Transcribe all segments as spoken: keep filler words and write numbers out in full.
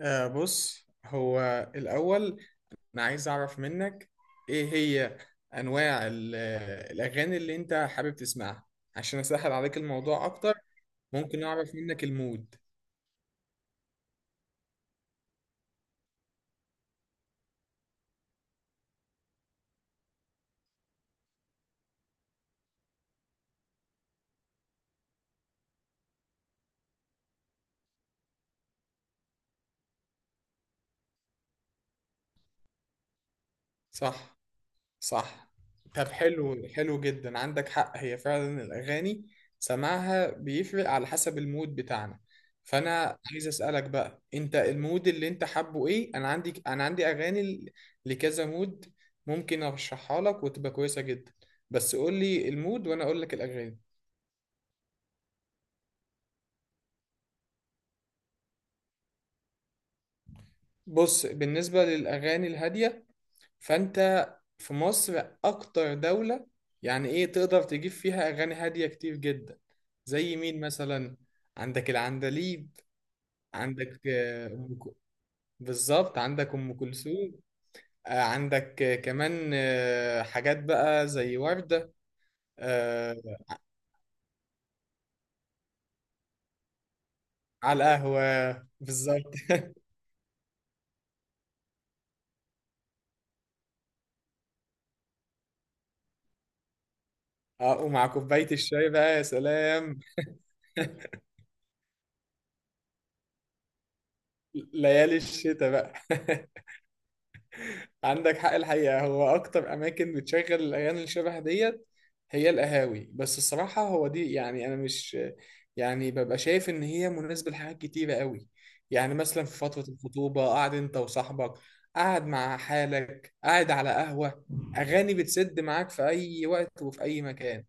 آه، بص هو الأول، أنا عايز أعرف منك إيه هي أنواع ال- الأغاني اللي أنت حابب تسمعها، عشان أسهل عليك الموضوع أكتر. ممكن أعرف منك المود؟ صح، صح. طب حلو حلو جدا، عندك حق، هي فعلا الأغاني سماعها بيفرق على حسب المود بتاعنا. فأنا عايز أسألك بقى، أنت المود اللي أنت حابه إيه؟ أنا عندي أنا عندي أغاني ل- لكذا مود، ممكن أرشحها لك وتبقى كويسة جدا، بس قول لي المود وأنا أقول لك الأغاني. بص، بالنسبة للأغاني الهادية، فانت في مصر اكتر دولة يعني ايه تقدر تجيب فيها اغاني هادية كتير جدا. زي مين مثلا؟ عندك العندليب، عندك آه، أم ك- بالظبط، عندك ام كلثوم، آه، عندك، آه، كمان، آه، حاجات بقى زي وردة آه، على القهوة، بالظبط. اه، ومع كوباية الشاي بقى يا سلام. ليالي الشتاء بقى. عندك حق، الحقيقة هو أكتر أماكن بتشغل الأغاني اللي شبه ديت هي القهاوي، بس الصراحة هو دي، يعني أنا مش، يعني ببقى شايف إن هي مناسبة لحاجات كتيرة قوي. يعني مثلا في فترة الخطوبة، قاعد أنت وصاحبك، قاعد مع حالك، قاعد على قهوة، أغاني بتسد معاك في أي وقت وفي أي مكان.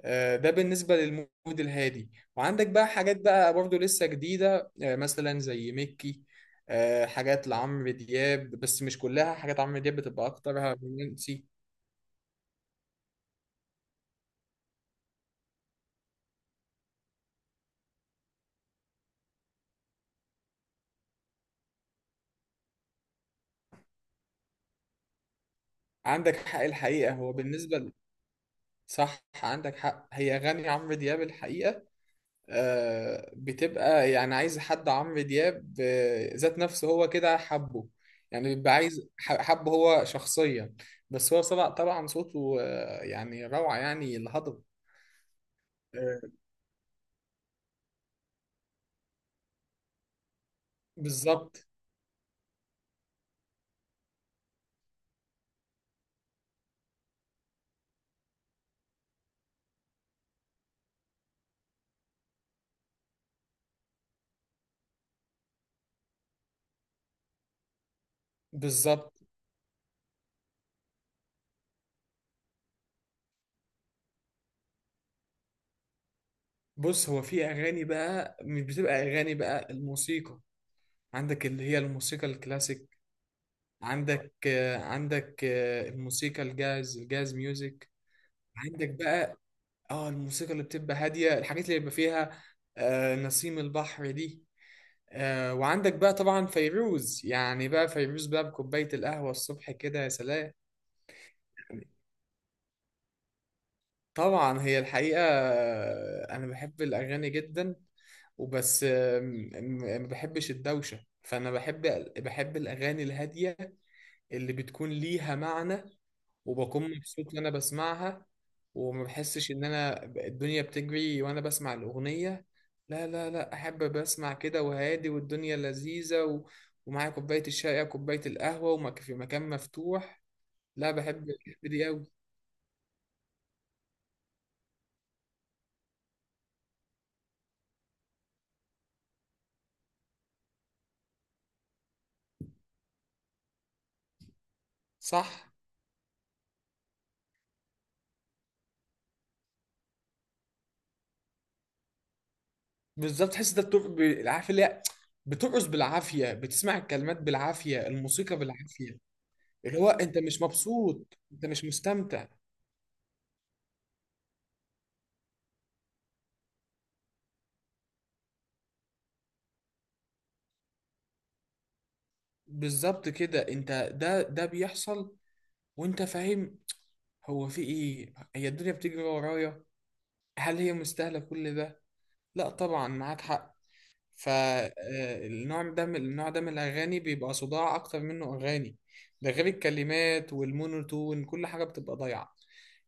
آه، ده بالنسبة للمود الهادي. وعندك بقى حاجات بقى برضو لسه جديدة، آه، مثلا زي ميكي، آه، حاجات لعمرو دياب، بس مش كلها حاجات عمرو دياب بتبقى أكترها رومانسي. عندك حق، الحقيقة هو بالنسبة ل- صح، عندك حق، هي أغاني عمرو دياب الحقيقة، آه، بتبقى يعني عايز حد عمرو دياب، آه، ذات نفسه هو كده حبه، يعني بيبقى عايز ح- حبه هو شخصيا، بس هو طبعا طبعا صوته آه، يعني روعة، يعني الهضبة. بالظبط، بالظبط. بص، هو في اغاني بقى مش بتبقى اغاني، بقى الموسيقى. عندك اللي هي الموسيقى الكلاسيك، عندك آه، عندك آه، الموسيقى الجاز، الجاز ميوزك. عندك بقى اه الموسيقى اللي بتبقى هاديه، الحاجات اللي بيبقى فيها، آه، نسيم البحر دي، آه، وعندك بقى طبعا فيروز، يعني بقى فيروز بقى بكوبايه القهوه الصبح كده يا سلام. يعني، طبعا هي الحقيقه آه، انا بحب الاغاني جدا، وبس آم، م- ما بحبش الدوشة، فأنا بحب، بحب الأغاني الهادية اللي بتكون ليها معنى، وبكون مبسوط وأنا بسمعها، وما بحسش إن أنا ب- الدنيا بتجري وأنا بسمع الأغنية. لا لا لا، أحب بسمع كده وهادي، والدنيا لذيذة و... ومعايا كوباية الشاي أو كوباية القهوة، ومك في مكان مفتوح. لا، بحب بحب دي أوي. صح، بالظبط، تحس ده بتق... ب- عارف اللي هي بترقص بالعافية، بتسمع الكلمات بالعافية، الموسيقى بالعافية. اللي هو انت مش مبسوط، انت مش مستمتع. بالظبط كده انت، ده ده بيحصل وانت فاهم. هو في ايه؟ هي الدنيا بتجري ورايا، هل هي مستاهلة كل ده؟ لا طبعا، معاك حق. فالنوع ده من النوع ده من الاغاني بيبقى صداع اكتر منه اغاني، ده غير الكلمات والمونوتون، كل حاجة بتبقى ضايعة.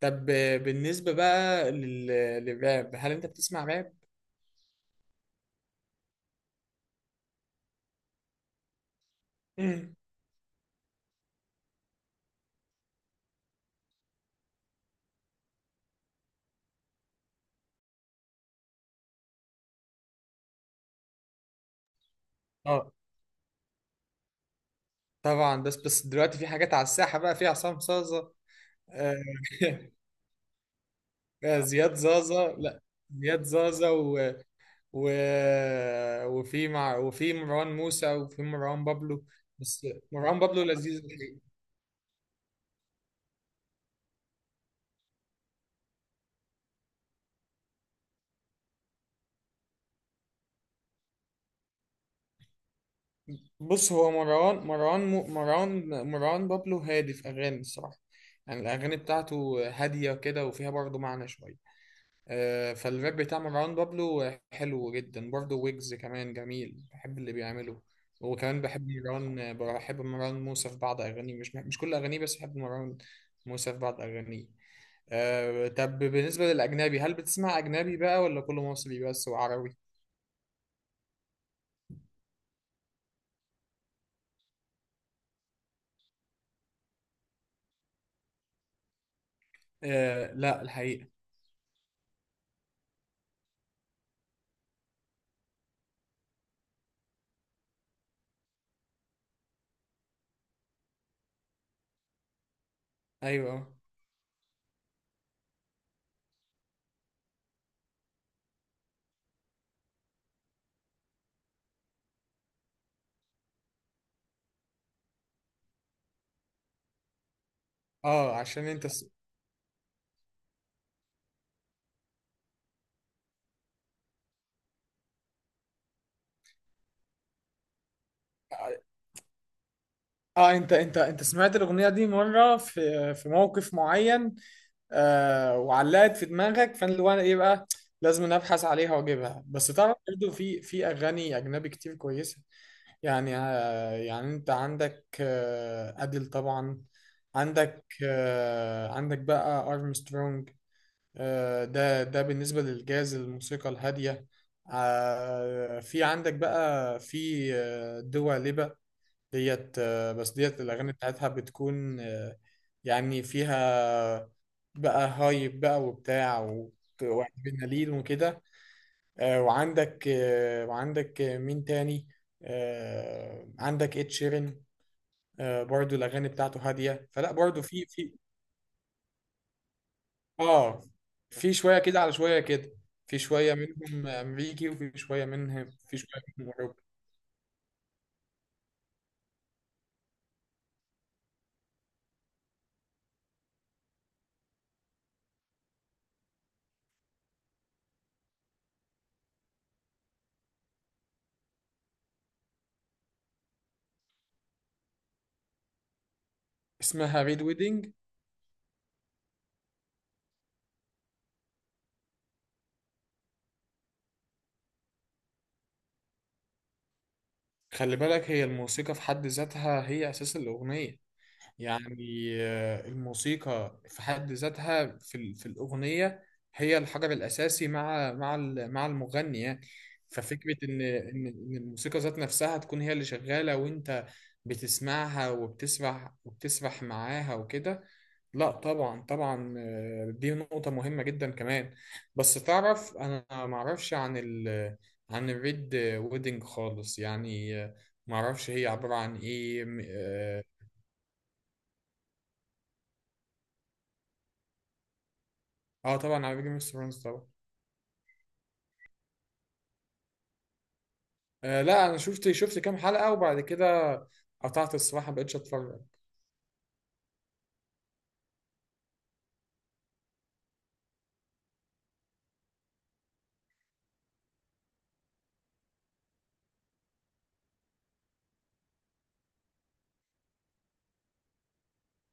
طب، آه، بالنسبة بقى لل... للراب، هل انت بتسمع راب؟ مم. اه طبعا، بس بس دلوقتي في حاجات على الساحة بقى، في عصام صاصة آه، آه، زياد زازا، لا زياد زازا و... و... وفي مع... وفي مروان موسى، وفي مروان بابلو. بس مروان بابلو لذيذ الحقيقة. بص هو مروان مروان م... مروان مروان بابلو هادي في أغاني الصراحة. يعني الأغاني بتاعته هادية كده وفيها برضه معنى شوية، آه، فالراب بتاع مروان بابلو حلو جدا برضه، ويجز كمان جميل، بحب اللي بيعمله. وكمان بحب مروان بحب مروان موسى في بعض أغانيه، مش مش كل أغانيه، بس بحب مروان موسى في بعض أغانيه. آه، طب بالنسبة للأجنبي، هل بتسمع أجنبي بقى ولا كله مصري بس وعربي؟ آه، لا الحقيقة. أيوه. اه عشان انت س... اه آه، انت انت انت سمعت الاغنيه دي مره في في موقف معين، آه، وعلقت في دماغك، فانا اللي هو انا ايه بقى، لازم أنا ابحث عليها واجيبها. بس تعرف برضه في في اغاني اجنبي كتير كويسه. يعني آه يعني انت عندك آه اديل طبعا، عندك آه عندك بقى ارمسترونج، آه ده ده بالنسبه للجاز، الموسيقى الهاديه. آه في عندك بقى في، آه، دوا ليبا ديت، آه، بس ديت الأغاني بتاعتها بتكون آه، يعني فيها بقى هايب بقى وبتاع و- وأدرينالين وكده. آه، وعندك آه، وعندك، آه، مين تاني؟ آه، عندك إد شيرين، آه، برضو الأغاني بتاعته هادية، فلا برضو في في آه في شوية كده على شوية كده. في شوية منهم أمريكي، وفي شوية منهم في شوية منهم أوروبي. اسمها ريد ويدنج. خلي بالك، هي الموسيقى في حد ذاتها هي أساس الأغنية، يعني آه، الموسيقى في حد ذاتها في ال- في الأغنية هي الحجر الأساسي، مع مع ال- مع المغني يعني. ففكرة إن إن إن الموسيقى ذات نفسها تكون هي اللي شغالة، وأنت بتسمعها وبتسرح، وبتسرح معاها وكده. لا، طبعا طبعا، آه، دي نقطة مهمة جدا كمان. بس تعرف أنا معرفش عن ال عن الريد ويدنج خالص يعني، آه، معرفش هي عبارة عن إيه. اه طبعا، على جيم اوف ثرونز طبعا. آه لا انا شفت شفت كام حلقة وبعد كده قطعت الصراحة، مبقتش اتفرج.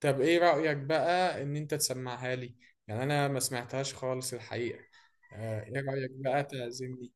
طب ايه رأيك بقى ان انت تسمعها لي؟ يعني انا ما سمعتهاش خالص الحقيقة. آه، ايه رأيك بقى تعزمني.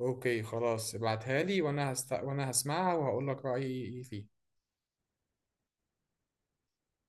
اوكي خلاص، ابعتها لي، وانا هست... وانا هسمعها وهقول لك رأيي فيها.